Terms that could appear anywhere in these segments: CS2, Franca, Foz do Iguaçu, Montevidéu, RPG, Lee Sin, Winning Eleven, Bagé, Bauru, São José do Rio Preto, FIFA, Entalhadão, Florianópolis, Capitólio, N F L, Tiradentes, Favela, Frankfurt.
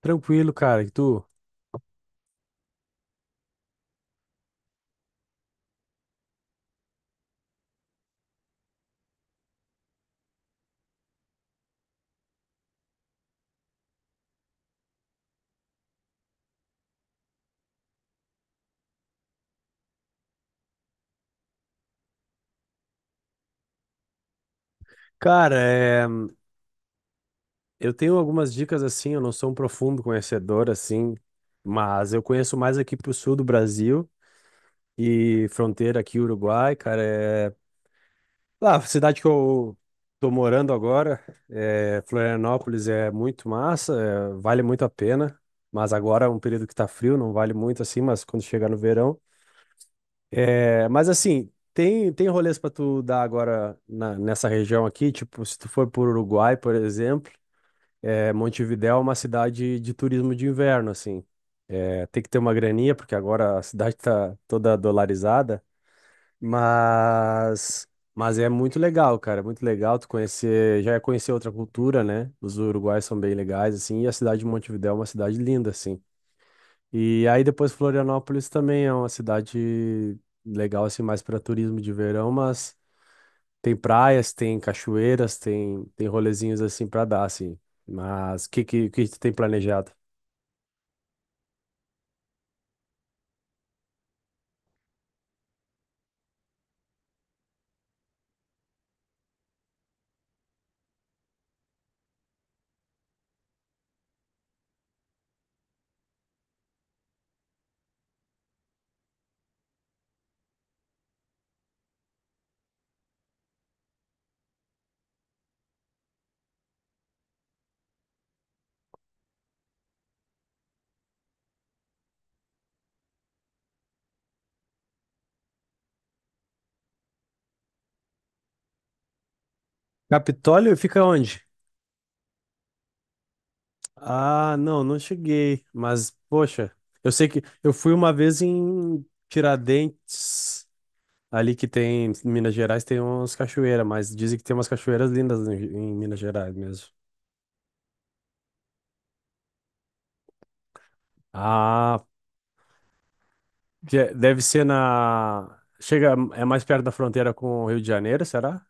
Tranquilo, cara. E tu? Cara, eu tenho algumas dicas assim, eu não sou um profundo conhecedor assim, mas eu conheço mais aqui pro sul do Brasil e fronteira aqui Uruguai, cara, Ah, a cidade que eu tô morando agora, Florianópolis é muito massa, vale muito a pena, mas agora é um período que tá frio, não vale muito assim, mas quando chegar no verão... É, mas assim, tem rolês pra tu dar agora nessa região aqui, tipo, se tu for por Uruguai, por exemplo. É, Montevidéu é uma cidade de turismo de inverno, assim. É, tem que ter uma graninha, porque agora a cidade tá toda dolarizada, mas, é muito legal, cara, é muito legal tu conhecer, já é conhecer outra cultura, né? Os uruguaios são bem legais, assim, e a cidade de Montevidéu é uma cidade linda, assim. E aí depois Florianópolis também é uma cidade legal, assim, mais para turismo de verão, mas tem praias, tem cachoeiras, tem rolezinhos, assim, para dar, assim. Mas o que tu tem planejado? Capitólio fica onde? Ah, não, não cheguei. Mas, poxa, eu sei que eu fui uma vez em Tiradentes, ali que tem, em Minas Gerais, tem umas cachoeiras, mas dizem que tem umas cachoeiras lindas em, Minas Gerais mesmo. Ah, deve ser na. Chega, é mais perto da fronteira com o Rio de Janeiro, será?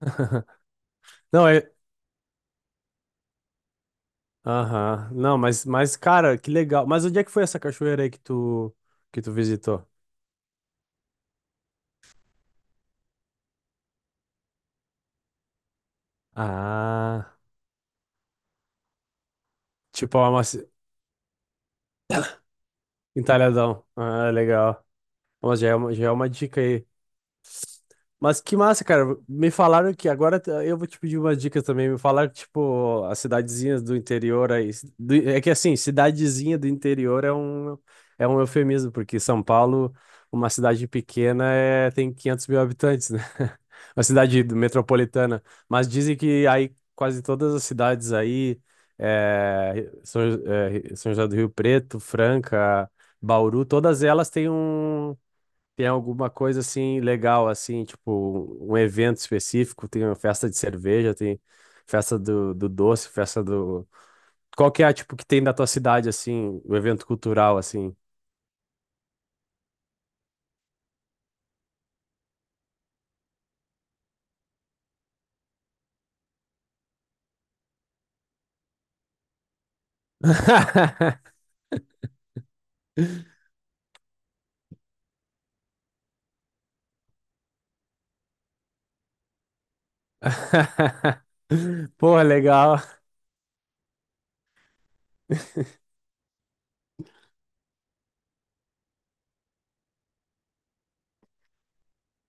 Não, é. Aham. Não, mas, cara, que legal. Mas onde é que foi essa cachoeira aí que tu visitou? Ah, tipo, é uma, Entalhadão. Ah, legal. Ó, já é uma dica aí. Mas que massa, cara. Me falaram que agora eu vou te pedir uma dica também. Me falaram que, tipo, as cidadezinhas do interior aí, é que assim, cidadezinha do interior é um eufemismo, porque São Paulo, uma cidade pequena, tem 500 mil habitantes, né? Uma cidade metropolitana. Mas dizem que aí quase todas as cidades aí, é, São José do Rio Preto, Franca, Bauru, todas elas têm um. Tem alguma coisa assim legal, assim, tipo um evento específico, tem uma festa de cerveja, tem festa do doce, festa do. Qual que é, tipo, que tem da tua cidade, assim, o evento cultural, assim? Pô, legal.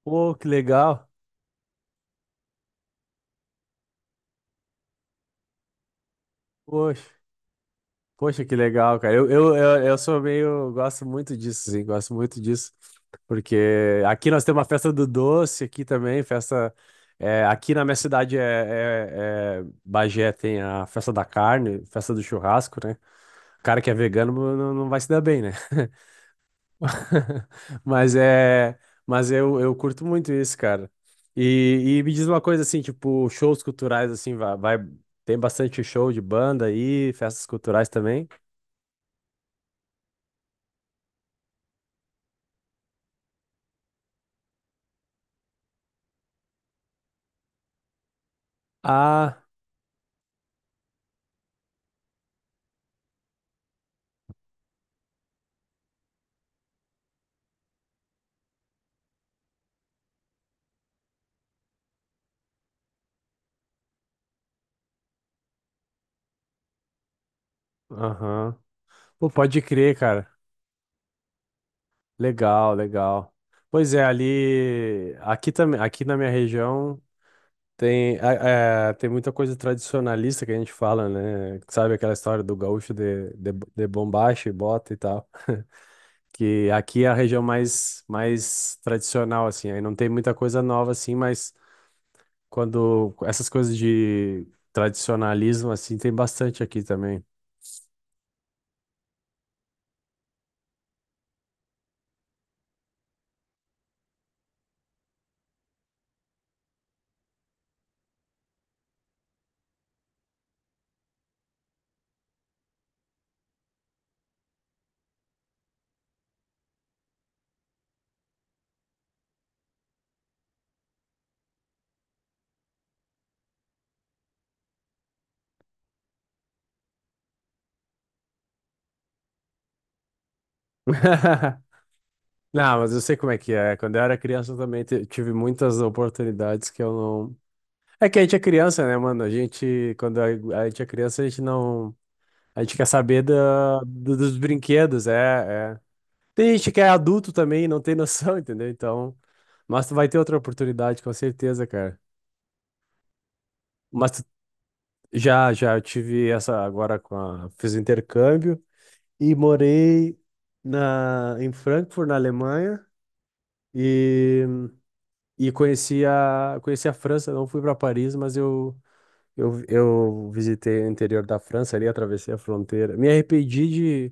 Pô, que legal. Poxa. Poxa, que legal, cara. Eu sou meio. Gosto muito disso, sim. Gosto muito disso. Porque aqui nós temos a festa do doce, aqui também, festa. Aqui na minha cidade é Bagé, tem a festa da carne, festa do churrasco, né? O cara que é vegano não, não vai se dar bem, né? Mas é. Mas eu curto muito isso, cara. E, me diz uma coisa assim, tipo, shows culturais, assim, tem bastante show de banda aí, festas culturais também. Ah. Aham. Pô, pode crer, cara. Legal, legal. Pois é, ali. Aqui também, aqui na minha região tem, tem muita coisa tradicionalista que a gente fala, né? Sabe aquela história do gaúcho de bombacha e bota e tal. Que aqui é a região mais tradicional, assim. Aí não tem muita coisa nova, assim, mas quando essas coisas de tradicionalismo, assim, tem bastante aqui também. Não, mas eu sei como é que é. Quando eu era criança eu também tive muitas oportunidades que eu não. É que a gente é criança, né, mano? A gente, a gente é criança, a gente não. A gente quer saber dos brinquedos, é, é. Tem gente que é adulto também e não tem noção, entendeu? Então. Mas tu vai ter outra oportunidade, com certeza, cara. Mas tu- já, já, eu tive essa agora com a. Fiz o intercâmbio e morei em Frankfurt, na Alemanha. E. E conheci a França, não fui para Paris, mas eu visitei o interior da França ali, atravessei a fronteira. Me arrependi de,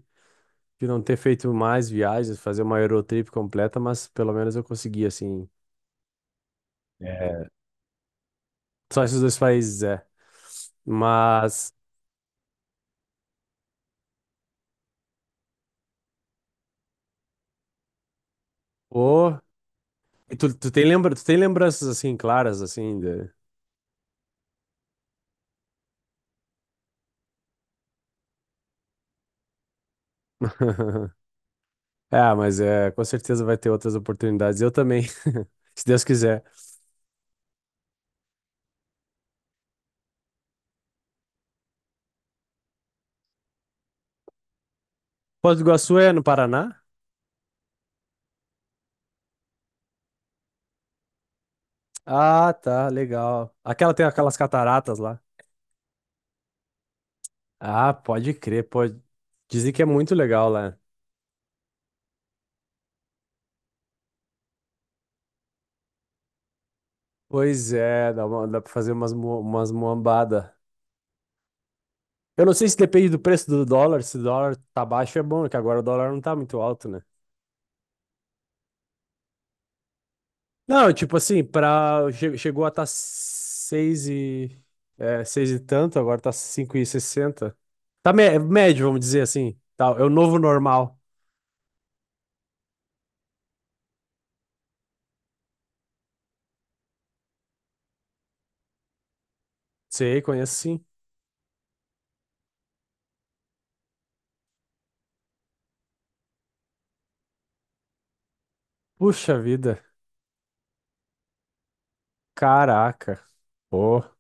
de não ter feito mais viagens, fazer uma Eurotrip completa, mas pelo menos eu consegui, assim. É. Só esses dois países, é. Mas, pô, e tu tem lembranças, assim, claras, assim, de... É, mas é, com certeza vai ter outras oportunidades. Eu também, se Deus quiser. Foz do Iguaçu é no Paraná? Ah, tá, legal. Aquela tem aquelas cataratas lá. Ah, pode crer, pode. Dizem que é muito legal lá. Pois é, dá pra fazer umas muambada. Eu não sei se depende do preço do dólar, se o dólar tá baixo é bom, que agora o dólar não tá muito alto, né? Não, tipo assim, chegou a tá seis e tanto, agora tá 5,60. Tá médio, vamos dizer assim. Tá, é o novo normal. Sei, conheço sim. Puxa vida, caraca. Porra.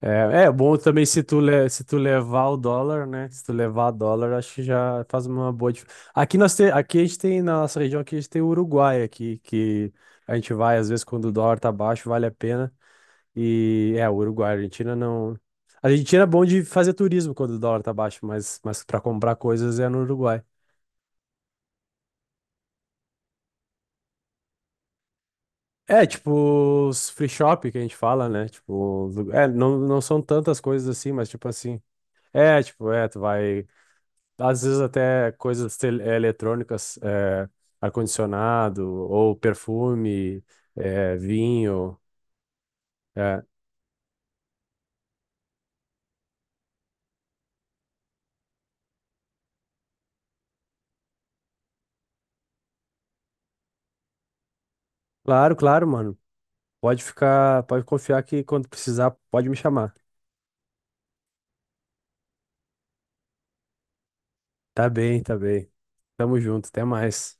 É, é bom também se tu levar o dólar, né? Se tu levar o dólar, acho que já faz uma boa diferença. Aqui a gente tem, na nossa região aqui, a gente tem o Uruguai aqui, que a gente vai, às vezes, quando o dólar tá baixo, vale a pena. E é, o Uruguai, a Argentina não. A Argentina é bom de fazer turismo quando o dólar tá baixo, mas, para comprar coisas é no Uruguai. É, tipo, os free shop que a gente fala, né? Tipo, não, não são tantas coisas assim, mas tipo assim. É, tipo, tu vai. Às vezes até coisas eletrônicas, ar-condicionado, ou perfume, eh, vinho. Eh. Claro, claro, mano. Pode ficar, pode confiar que quando precisar, pode me chamar. Tá bem, tá bem. Tamo junto, até mais.